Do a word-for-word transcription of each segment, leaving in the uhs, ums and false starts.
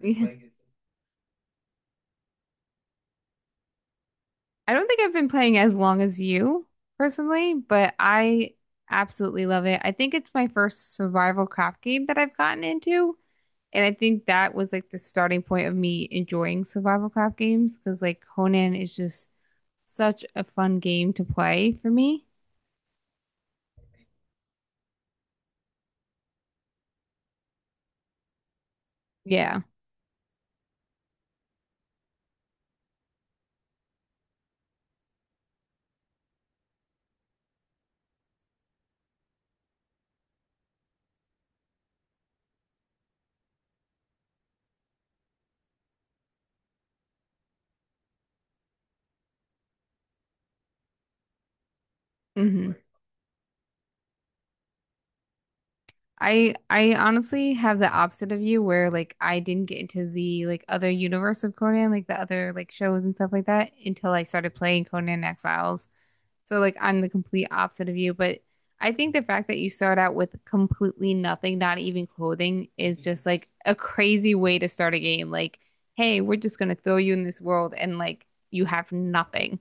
Yeah. I don't think I've been playing as long as you personally, but I absolutely love it. I think it's my first survival craft game that I've gotten into, and I think that was like the starting point of me enjoying survival craft games because like Conan is just such a fun game to play for me. Yeah. hmm Right. I I honestly have the opposite of you where like I didn't get into the like other universe of Conan, like the other like shows and stuff like that until I started playing Conan Exiles. So like I'm the complete opposite of you, but I think the fact that you start out with completely nothing, not even clothing, is just like a crazy way to start a game. Like, hey, we're just gonna throw you in this world and like you have nothing.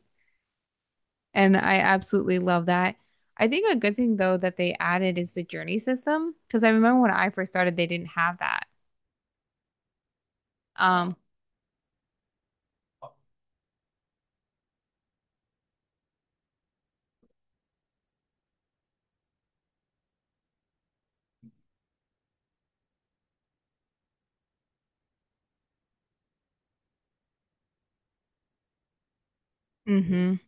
And I absolutely love that. I think a good thing though that they added is the journey system because I remember when I first started they didn't have that. Oh. Um, mhm.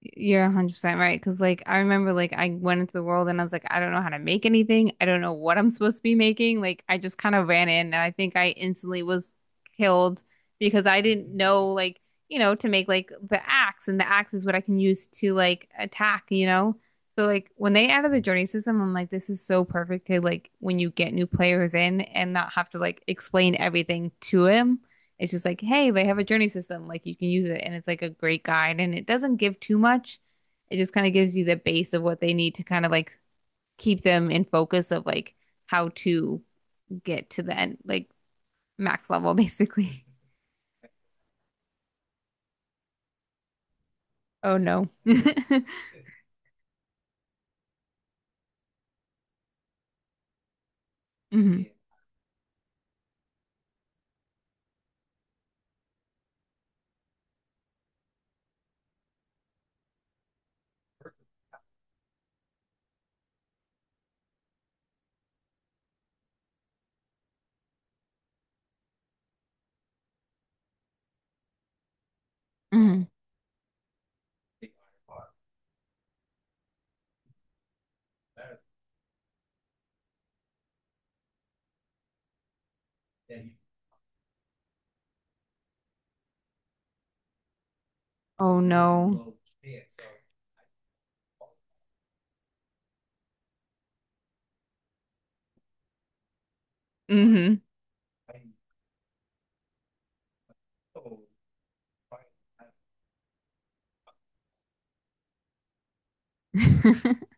You're one hundred percent right. Because, like, I remember, like, I went into the world and I was like, I don't know how to make anything. I don't know what I'm supposed to be making. Like, I just kind of ran in and I think I instantly was killed because I didn't know, like, you know, to make like the axe and the axe is what I can use to like attack, you know? So, like, when they added the journey system, I'm like, this is so perfect to like when you get new players in and not have to like explain everything to him. It's just like, hey, they have a journey system. Like you can use it, and it's like a great guide, and it doesn't give too much. It just kind of gives you the base of what they need to kind of like keep them in focus of like how to get to the end, like max level, basically. Oh no. Mhm. Mhm. Oh no. Mhm.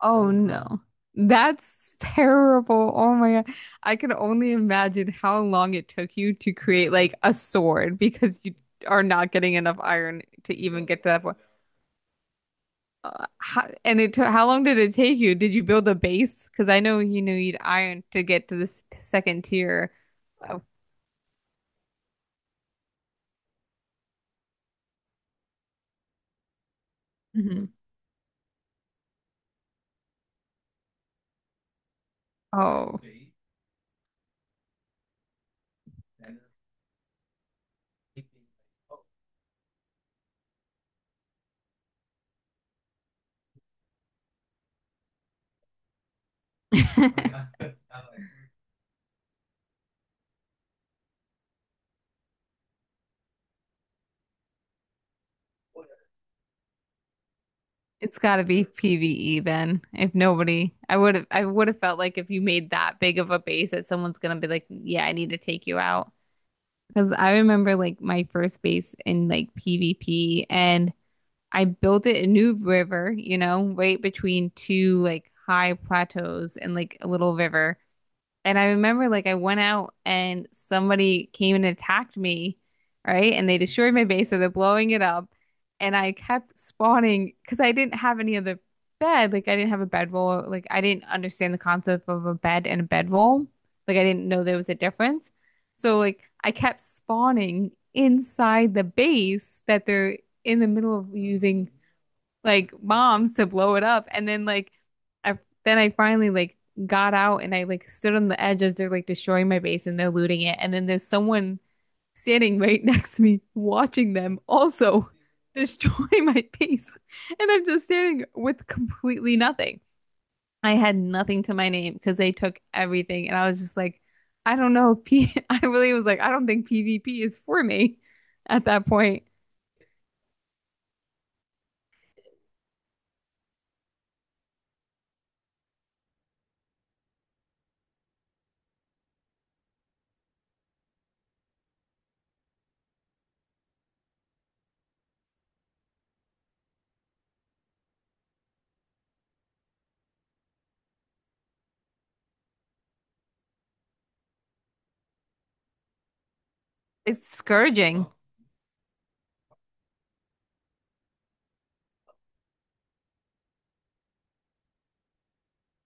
Oh no. That's terrible. Oh my God. I can only imagine how long it took you to create like a sword because you are not getting enough iron to even get to that point. Uh, how, and it took how long did it take you? Did you build a base? Because I know you knew you'd iron to get to this second tier. Oh. Mhm. Oh. It's got to be PvE then. If nobody, I would have, I would have felt like if you made that big of a base that someone's gonna be like, yeah, I need to take you out. Because I remember like my first base in like PvP, and I built it in New River, you know, right between two like high plateaus and like a little river. And I remember like I went out and somebody came and attacked me, right? And they destroyed my base, so they're blowing it up. And I kept spawning because I didn't have any other bed. Like I didn't have a bedroll. Like I didn't understand the concept of a bed and a bedroll. Like I didn't know there was a difference. So like I kept spawning inside the base that they're in the middle of using like bombs to blow it up. And then like I then I finally like got out and I like stood on the edge as they're like destroying my base and they're looting it. And then there's someone standing right next to me watching them also destroy my base. And I'm just standing with completely nothing. I had nothing to my name because they took everything. And I was just like, I don't know. P I really was like, I don't think PvP is for me at that point. It's scourging.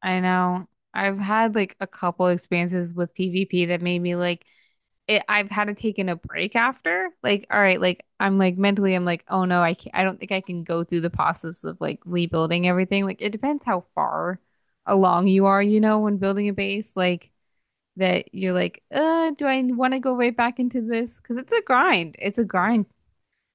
I know. I've had like a couple experiences with PvP that made me like it. I've had to take in a break after. Like, all right, like I'm like mentally, I'm like, oh no, I can't, I don't think I can go through the process of like rebuilding everything. Like, it depends how far along you are, you know, when building a base. Like that, you're like, uh, do I want to go right back into this? Because it's a grind. It's a grind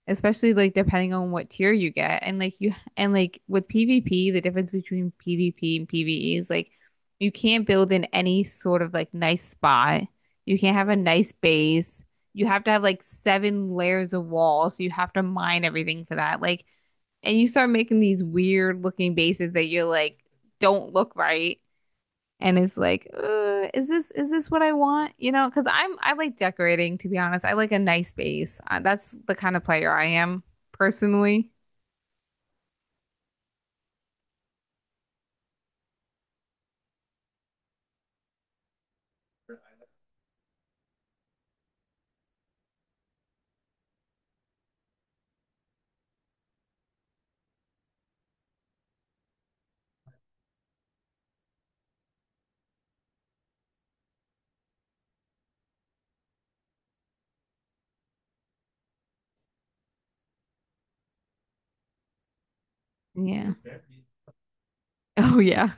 especially like depending on what tier you get and like you and like with PvP the difference between PvP and PvE is like you can't build in any sort of like nice spot, you can't have a nice base, you have to have like seven layers of walls so you have to mine everything for that. Like, and you start making these weird looking bases that you're like don't look right, and it's like, uh, is this, is this what I want, you know, because i'm i like decorating to be honest. I like a nice space, uh, that's the kind of player I am personally. Yeah. Oh yeah.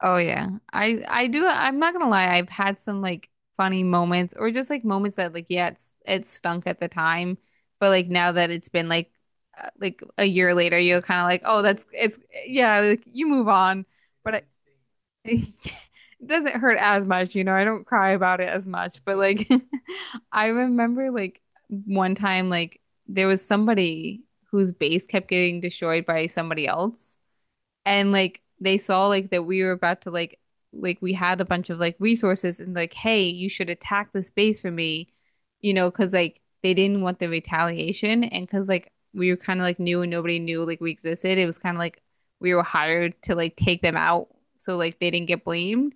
Oh yeah. I I do. I'm not gonna lie, I've had some like funny moments or just like moments that like yeah, it's it stunk at the time, but like now that it's been like, uh, like a year later, you're kind of like, "Oh, that's it's yeah, like you move on." But I, it doesn't hurt as much, you know. I don't cry about it as much, but like I remember like one time like there was somebody whose base kept getting destroyed by somebody else and like they saw like that we were about to like like we had a bunch of like resources and like hey you should attack this base for me, you know, because like they didn't want the retaliation and because like we were kind of like new and nobody knew like we existed, it was kind of like we were hired to like take them out so like they didn't get blamed,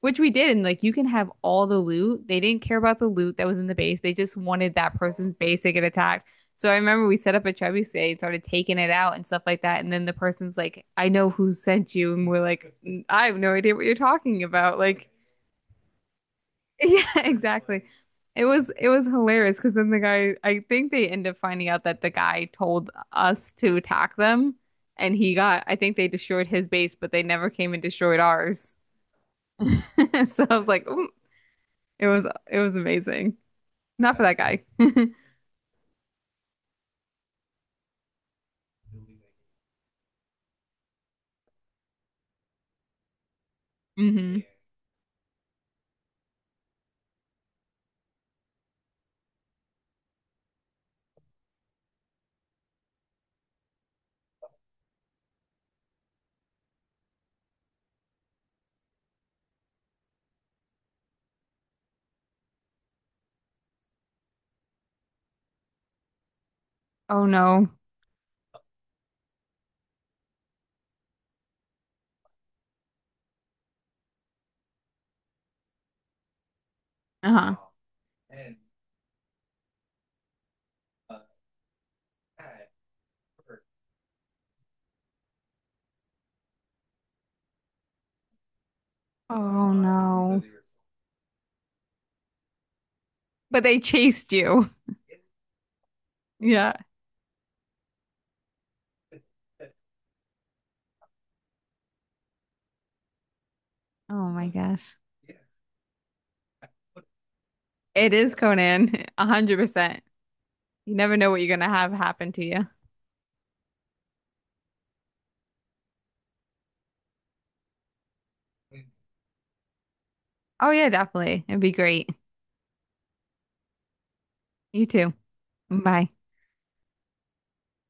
which we did, and like you can have all the loot. They didn't care about the loot that was in the base. They just wanted that person's base to get attacked. So I remember we set up a trebuchet and started taking it out and stuff like that. And then the person's like, "I know who sent you," and we're like, "I have no idea what you're talking about." Like, yeah, exactly. It was it was hilarious because then the guy, I think they end up finding out that the guy told us to attack them, and he got. I think they destroyed his base, but they never came and destroyed ours. So I was like, "Ooh, it was it was amazing. Not for that guy. hmm Oh no. Uh-huh. Oh no. But they chased you. Yeah. Oh my gosh. It is Conan, one hundred percent. You never know what you're going to have happen to you. Oh yeah, definitely. It'd be great. You too. Bye.